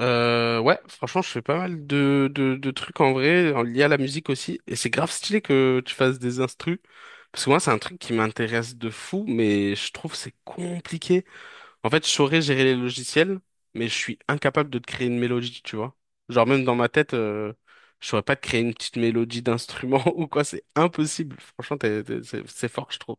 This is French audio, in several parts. Ouais, franchement, je fais pas mal de trucs en vrai, en lié à la musique aussi. Et c'est grave stylé que tu fasses des instrus. Parce que moi, c'est un truc qui m'intéresse de fou, mais je trouve que c'est compliqué. En fait, je saurais gérer les logiciels, mais je suis incapable de te créer une mélodie, tu vois. Genre, même dans ma tête, je saurais pas te créer une petite mélodie d'instrument ou quoi, c'est impossible. Franchement, c'est fort, je trouve.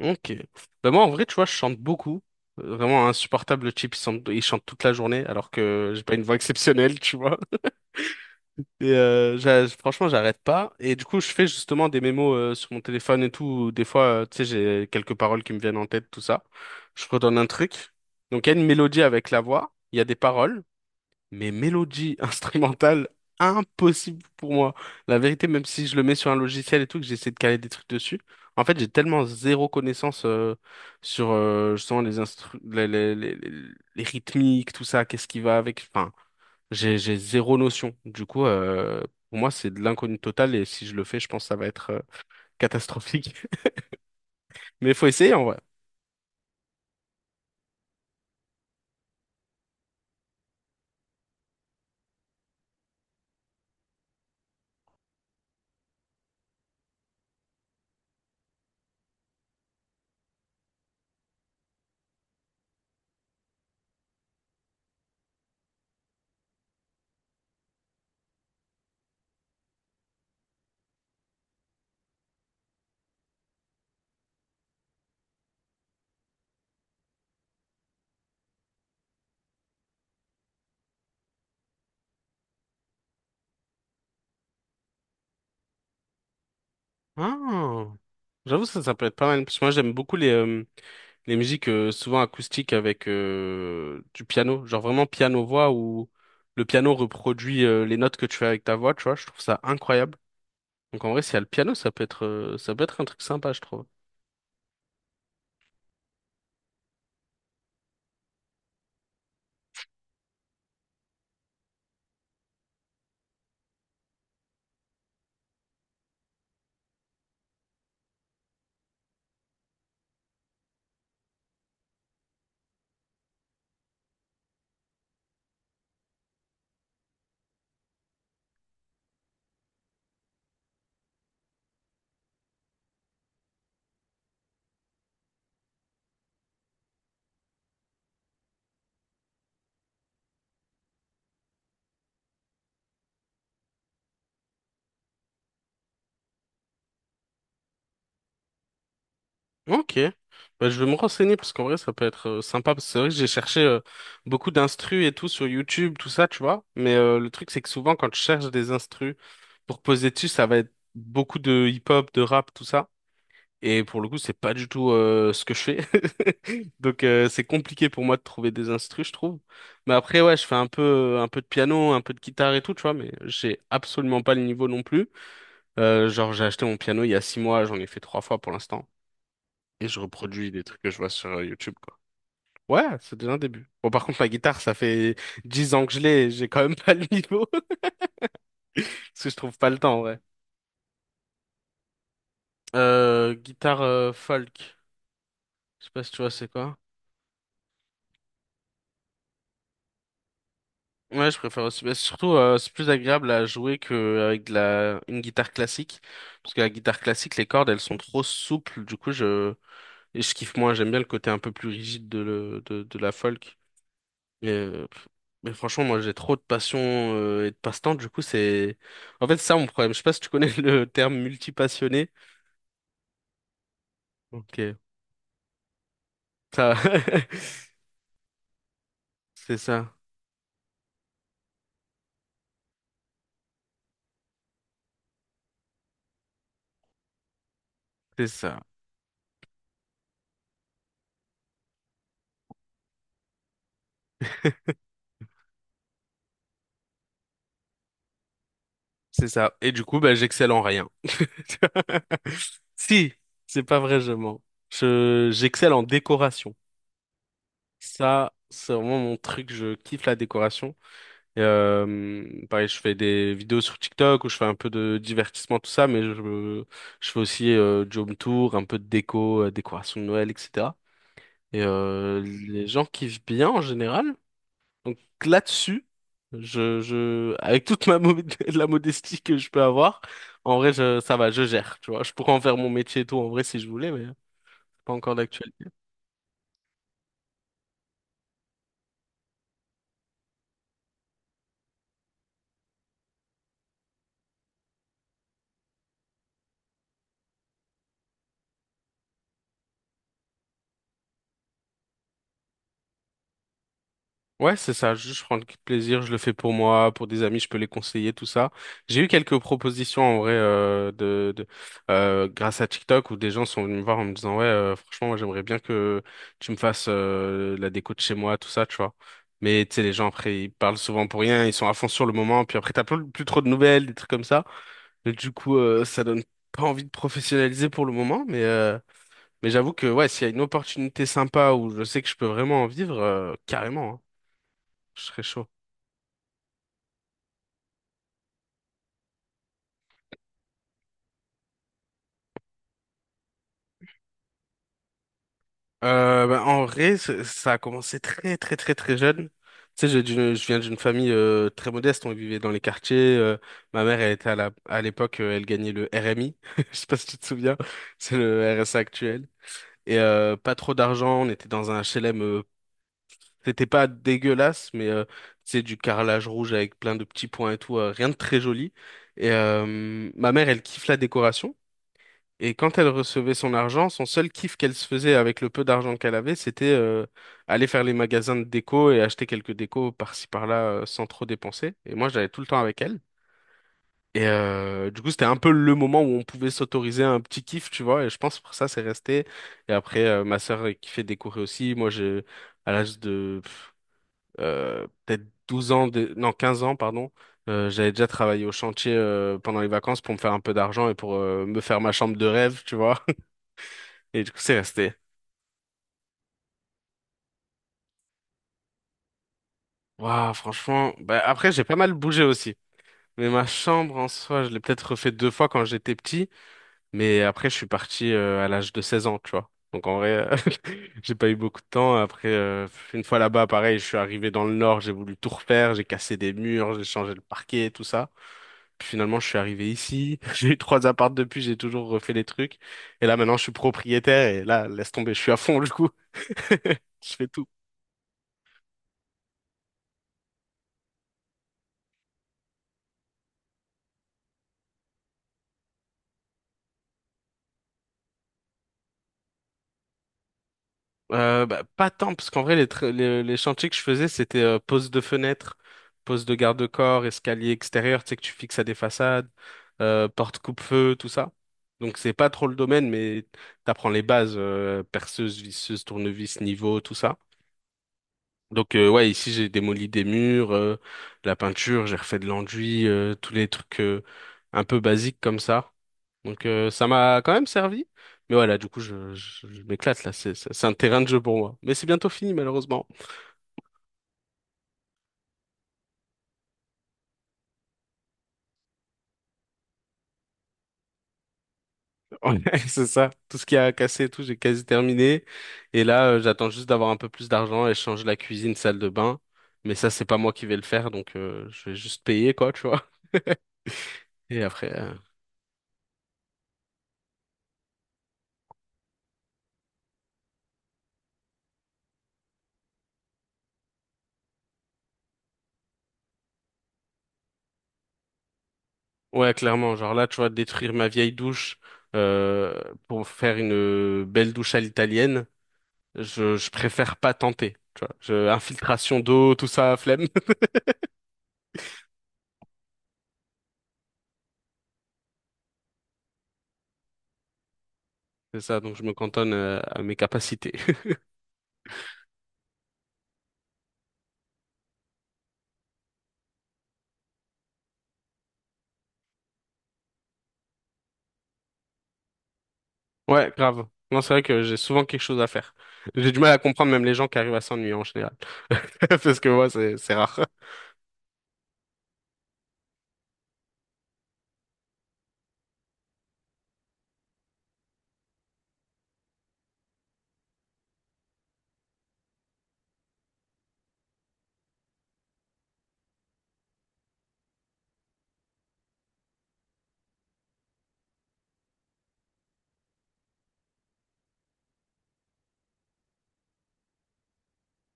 Ok. Bah moi, en vrai, tu vois, je chante beaucoup. Vraiment insupportable, le type, il chante toute la journée, alors que j'ai pas une voix exceptionnelle, tu vois. Et franchement, j'arrête pas. Et du coup, je fais justement des mémos sur mon téléphone et tout. Où Des fois, tu sais, j'ai quelques paroles qui me viennent en tête, tout ça. Je redonne un truc. Donc, il y a une mélodie avec la voix, il y a des paroles mais mélodie instrumentale, impossible pour moi. La vérité, même si je le mets sur un logiciel et tout, que j'essaie de caler des trucs dessus, en fait, j'ai tellement zéro connaissance sur justement les, instru les rythmiques, tout ça, qu'est-ce qui va avec. Enfin, j'ai zéro notion. Du coup, pour moi, c'est de l'inconnu total et si je le fais, je pense que ça va être catastrophique. Mais il faut essayer en vrai. Ah, j'avoue ça, ça peut être pas mal. Parce que moi j'aime beaucoup les musiques souvent acoustiques avec du piano. Genre vraiment piano-voix où le piano reproduit les notes que tu fais avec ta voix, tu vois. Je trouve ça incroyable. Donc en vrai, s'il y a le piano, ça peut être un truc sympa, je trouve. Ok, bah, je vais me renseigner parce qu'en vrai ça peut être sympa parce que c'est vrai que j'ai cherché beaucoup d'instrus et tout sur YouTube, tout ça, tu vois. Mais le truc c'est que souvent quand je cherche des instrus pour poser dessus, ça va être beaucoup de hip-hop, de rap, tout ça. Et pour le coup, c'est pas du tout ce que je fais. Donc c'est compliqué pour moi de trouver des instrus, je trouve. Mais après, ouais, je fais un peu de piano, un peu de guitare et tout, tu vois, mais j'ai absolument pas le niveau non plus. Genre, j'ai acheté mon piano il y a 6 mois, j'en ai fait 3 fois pour l'instant. Et je reproduis des trucs que je vois sur YouTube, quoi. Ouais, c'est déjà un début. Bon, par contre, la guitare, ça fait 10 ans que je l'ai, et j'ai quand même pas le niveau, parce que je trouve pas le temps, ouais. Guitare folk, je sais pas si tu vois c'est quoi. Ouais, je préfère aussi. Mais surtout, c'est plus agréable à jouer qu'avec de la une guitare classique. Parce que la guitare classique, les cordes, elles sont trop souples. Et je kiffe moins. J'aime bien le côté un peu plus rigide de, le de la folk. Mais, euh, Mais franchement, moi, j'ai trop de passion et de passe-temps. Du coup, c'est. En fait, c'est ça mon problème. Je sais pas si tu connais le terme multipassionné. Ok. Ça C'est ça. C'est ça. C'est ça. Et du coup, bah, j'excelle en rien. Si, c'est pas vrai, je mens. J'excelle en décoration. Ça, c'est vraiment mon truc. Je kiffe la décoration. Et, pareil, je fais des vidéos sur TikTok où je fais un peu de divertissement, tout ça, je fais aussi du home tour, un peu de déco, décoration de Noël, etc. Et les gens kiffent bien en général. Donc là-dessus, avec toute la modestie que je peux avoir, en vrai, ça va, je gère. Tu vois, je pourrais en faire mon métier et tout en vrai si je voulais, pas encore d'actualité. Ouais, c'est ça, juste je prends le plaisir, je le fais pour moi, pour des amis, je peux les conseiller, tout ça. J'ai eu quelques propositions en vrai de grâce à TikTok où des gens sont venus me voir en me disant ouais, franchement, moi j'aimerais bien que tu me fasses la déco de chez moi, tout ça, tu vois. Mais tu sais, les gens après ils parlent souvent pour rien, ils sont à fond sur le moment, puis après t'as plus trop de nouvelles, des trucs comme ça. Et du coup, ça donne pas envie de professionnaliser pour le moment, mais j'avoue que ouais, s'il y a une opportunité sympa où je sais que je peux vraiment en vivre, carrément, hein, je serais chaud. Bah, en vrai, ça a commencé très très très très jeune. Tu sais, je viens d'une famille très modeste, on vivait dans les quartiers. Ma mère, elle était à l'époque, elle gagnait le RMI. Je sais pas si tu te souviens, c'est le RSA actuel. Et pas trop d'argent, on était dans un HLM. C'était pas dégueulasse, c'est du carrelage rouge avec plein de petits points et tout, rien de très joli. Et ma mère, elle kiffe la décoration. Et quand elle recevait son argent, son seul kiff qu'elle se faisait avec le peu d'argent qu'elle avait, c'était aller faire les magasins de déco et acheter quelques décos par-ci par-là sans trop dépenser. Et moi, j'allais tout le temps avec elle. Et du coup, c'était un peu le moment où on pouvait s'autoriser un petit kiff, tu vois. Et je pense pour ça, c'est resté. Et après, ma sœur kiffait décorer aussi. Moi, j'ai à l'âge de peut-être 12 ans, non 15 ans, pardon. J'avais déjà travaillé au chantier pendant les vacances pour me faire un peu d'argent et pour me faire ma chambre de rêve, tu vois. Et du coup, c'est resté. Waouh, franchement. Bah, après, j'ai pas mal bougé aussi. Mais ma chambre, en soi, je l'ai peut-être refait deux fois quand j'étais petit. Mais après, je suis parti à l'âge de 16 ans, tu vois. Donc, en vrai, j'ai pas eu beaucoup de temps. Après, une fois là-bas, pareil, je suis arrivé dans le nord, j'ai voulu tout refaire. J'ai cassé des murs, j'ai changé le parquet, tout ça. Puis finalement, je suis arrivé ici. J'ai eu trois apparts depuis, j'ai toujours refait les trucs. Et là, maintenant, je suis propriétaire. Et là, laisse tomber, je suis à fond, du coup. Je fais tout. Bah, pas tant, parce qu'en vrai, les chantiers que je faisais, c'était pose de fenêtre, pose de garde-corps, escalier extérieur, tu sais, que tu fixes à des façades, porte coupe-feu, tout ça. Donc, c'est pas trop le domaine, mais t'apprends les bases, perceuse, visseuse, tournevis, niveau, tout ça. Donc, ouais, ici, j'ai démoli des murs, la peinture, j'ai refait de l'enduit, tous les trucs un peu basiques comme ça. Donc ça m'a quand même servi. Mais voilà, du coup, je m'éclate là. C'est un terrain de jeu pour moi. Mais c'est bientôt fini, malheureusement. Ouais, c'est ça. Tout ce qui a cassé, et tout, j'ai quasi terminé. Et là, j'attends juste d'avoir un peu plus d'argent et changer la cuisine, salle de bain. Mais ça, c'est pas moi qui vais le faire. Donc je vais juste payer, quoi, tu vois. Et après... euh, Ouais, clairement. Genre là, tu vois, détruire ma vieille douche euh, pour faire une belle douche à l'italienne, je préfère pas tenter. Infiltration d'eau, tout ça, flemme. C'est ça, donc je me cantonne à mes capacités. Ouais, grave. Non, c'est vrai que j'ai souvent quelque chose à faire. J'ai du mal à comprendre même les gens qui arrivent à s'ennuyer en général. Parce que moi, c'est rare.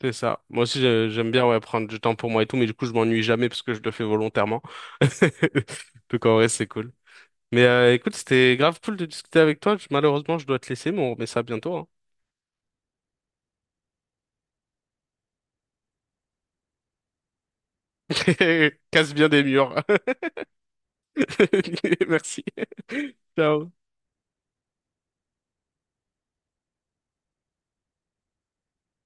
C'est ça. Moi aussi, j'aime bien ouais, prendre du temps pour moi et tout, mais du coup, je m'ennuie jamais parce que je le fais volontairement. Donc en vrai, c'est cool. Mais écoute, c'était grave cool de discuter avec toi. Malheureusement, je dois te laisser, mais on remet ça bientôt, hein. Casse bien des murs. Merci. Ciao.